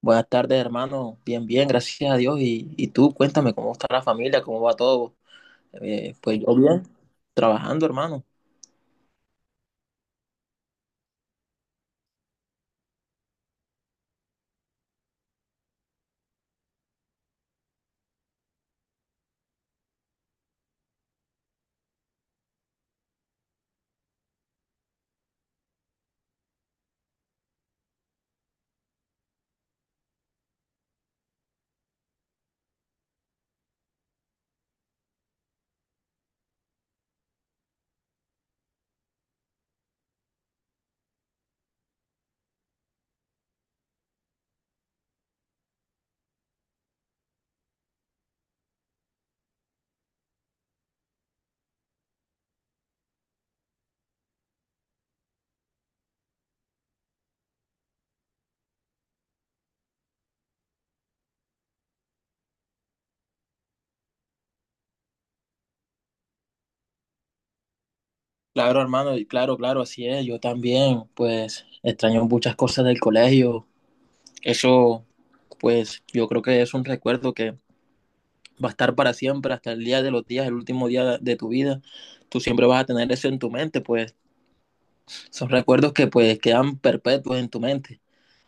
Buenas tardes, hermano. Bien, bien, gracias a Dios. Y tú, cuéntame cómo está la familia, cómo va todo. Pues yo bien, trabajando, hermano. Claro, hermano, y claro, claro, así es. Yo también, pues extraño muchas cosas del colegio. Eso, pues yo creo que es un recuerdo que va a estar para siempre, hasta el día de los días, el último día de tu vida. Tú siempre vas a tener eso en tu mente, pues. Son recuerdos que pues quedan perpetuos en tu mente.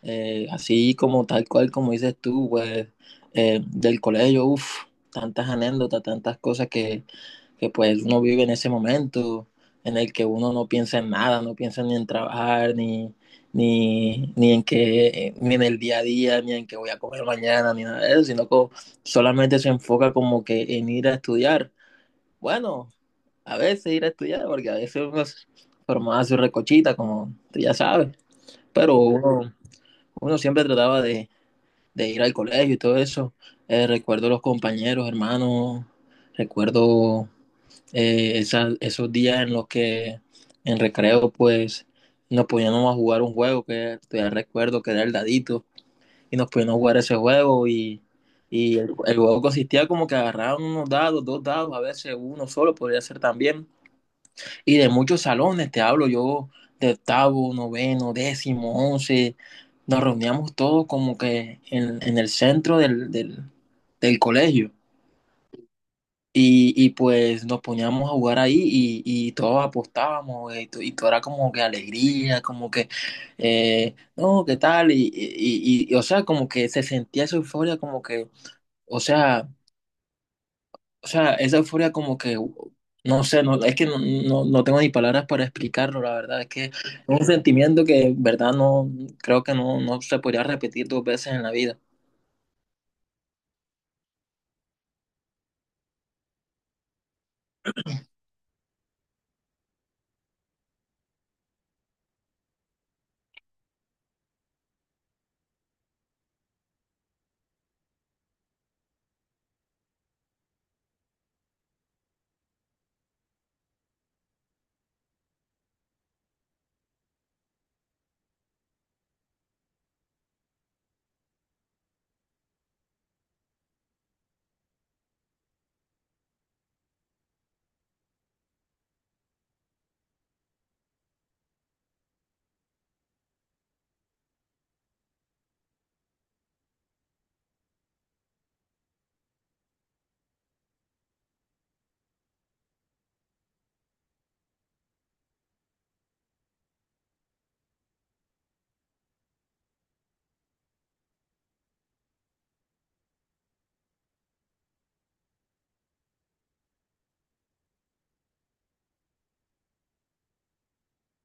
Así como tal cual como dices tú, pues del colegio, uff, tantas anécdotas, tantas cosas que pues uno vive en ese momento en el que uno no piensa en nada, no piensa ni en trabajar, ni en que, ni en el día a día, ni en que voy a comer mañana, ni nada de eso, sino que solamente se enfoca como que en ir a estudiar. Bueno, a veces ir a estudiar, porque a veces uno se formaba su recochita, como tú ya sabes, pero uno siempre trataba de ir al colegio y todo eso. Recuerdo los compañeros, hermanos, recuerdo esos días en los que en recreo pues nos poníamos a jugar un juego que todavía recuerdo que era el dadito y nos poníamos a jugar ese juego y el juego consistía como que agarraban unos dados, dos dados, a veces uno solo podría ser también, y de muchos salones, te hablo yo de octavo, noveno, décimo, once, nos reuníamos todos como que en el centro del colegio pues nos poníamos a jugar ahí y todos apostábamos y todo era como que alegría, como que, no, ¿qué tal? O sea, como que se sentía esa euforia, como que, o sea, esa euforia como que, no sé, no, es que no tengo ni palabras para explicarlo, la verdad, es que es un sentimiento que, en verdad, no, creo que no se podría repetir dos veces en la vida.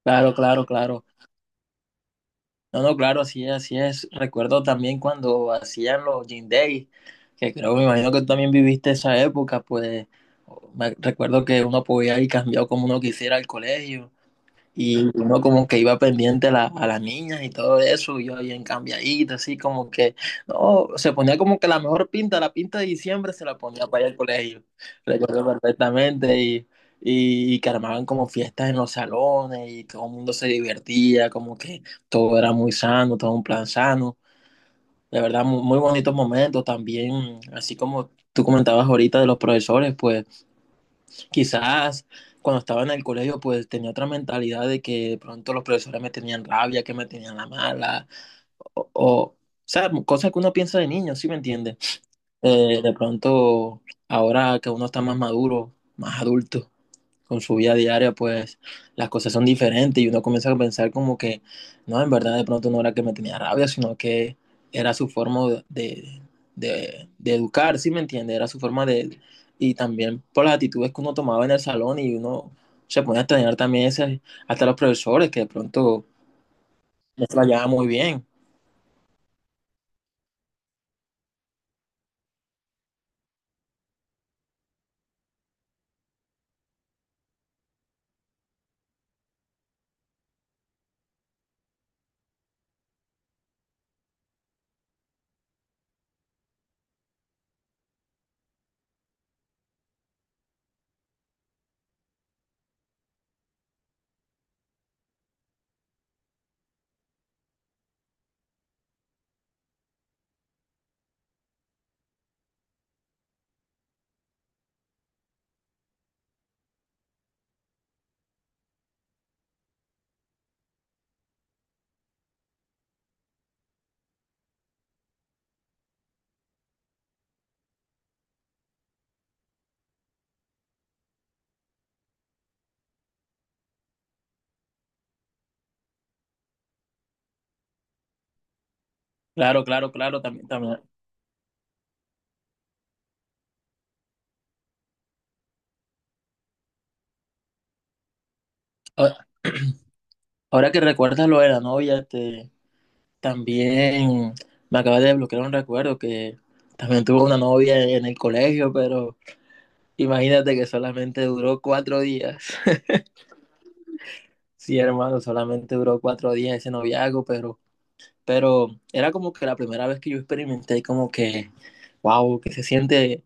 Claro, claro, claro. No, no, claro, así es, así es. Recuerdo también cuando hacían los Gym Days, que creo, me imagino que tú también viviste esa época, pues, me recuerdo que uno podía ir cambiado como uno quisiera al colegio. Y uno como que iba pendiente a a las niñas y todo eso, y yo bien cambiadito, así como que, no, se ponía como que la mejor pinta, la pinta de diciembre se la ponía para ir al colegio, recuerdo perfectamente, y que armaban como fiestas en los salones, y todo el mundo se divertía, como que todo era muy sano, todo un plan sano, de verdad, muy, muy bonitos momentos también, así como tú comentabas ahorita de los profesores, pues quizás cuando estaba en el colegio, pues tenía otra mentalidad de que de pronto los profesores me tenían rabia, que me tenían la mala, o sea, cosas que uno piensa de niño, ¿sí me entiende? De pronto, ahora que uno está más maduro, más adulto, con su vida diaria, pues las cosas son diferentes y uno comienza a pensar como que, no, en verdad de pronto no era que me tenía rabia, sino que era su forma de educar, ¿sí me entiende? Era su forma de... Y también por las actitudes que uno tomaba en el salón y uno se ponía a extrañar también ese, hasta los profesores que de pronto no se la llevaban muy bien. Claro, claro, claro, también, también. Ah, ahora que recuerdas lo de la novia, este, también me acaba de bloquear un recuerdo que también tuve una novia en el colegio, pero imagínate que solamente duró cuatro días. Sí, hermano, solamente duró cuatro días ese noviazgo, pero era como que la primera vez que yo experimenté como que, wow, que se siente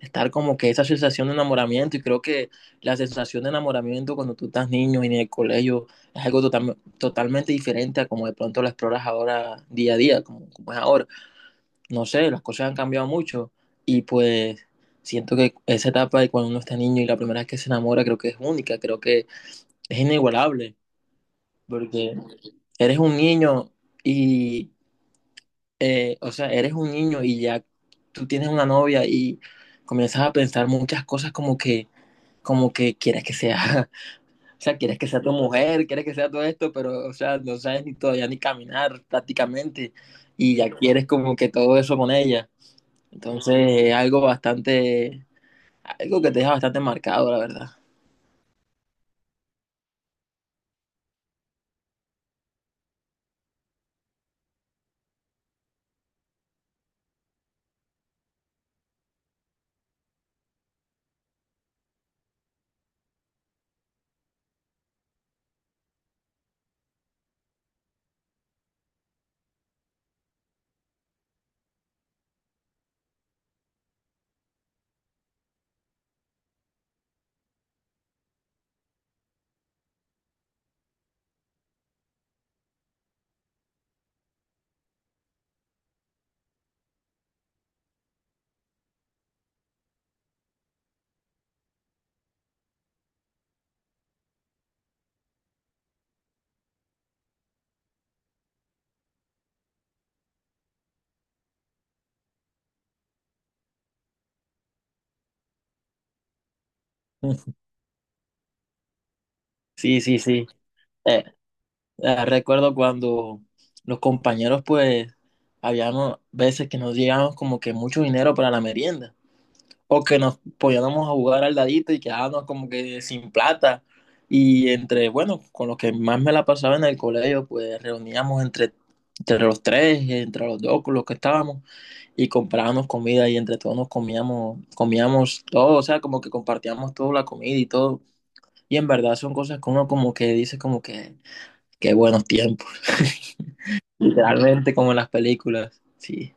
estar como que esa sensación de enamoramiento y creo que la sensación de enamoramiento cuando tú estás niño y en el colegio es algo totalmente diferente a como de pronto la exploras ahora día a día, como es ahora. No sé, las cosas han cambiado mucho y pues siento que esa etapa de cuando uno está niño y la primera vez que se enamora creo que es única, creo que es inigualable porque eres un niño y, o sea, eres un niño y ya tú tienes una novia y comienzas a pensar muchas cosas como que quieres que sea, o sea, quieres que sea tu mujer, quieres que sea todo esto, pero, o sea, no sabes ni todavía ni caminar prácticamente y ya quieres como que todo eso con ella. Entonces, es algo bastante, algo que te deja bastante marcado, la verdad. Sí, sí, sí. Eh, Recuerdo cuando los compañeros, pues, habíamos veces que nos llegábamos como que mucho dinero para la merienda, o que nos poníamos a jugar al dadito y quedábamos como que sin plata. Y entre, bueno, con los que más me la pasaba en el colegio, pues reuníamos entre, entre los tres, entre los dos, con los que estábamos, y comprábamos comida y entre todos nos comíamos, comíamos todo, o sea, como que compartíamos toda la comida y todo. Y en verdad son cosas que uno como que dice como que, qué buenos tiempos, literalmente como en las películas, sí.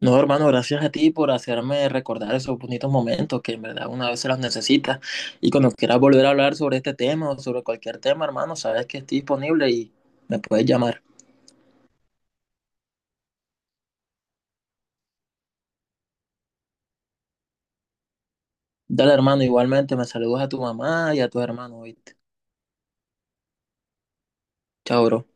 No, hermano, gracias a ti por hacerme recordar esos bonitos momentos que en verdad una vez se los necesita. Y cuando quieras volver a hablar sobre este tema o sobre cualquier tema, hermano, sabes que estoy disponible y me puedes llamar. Dale, hermano, igualmente me saludas a tu mamá y a tus hermanos, ¿viste? Chao, bro.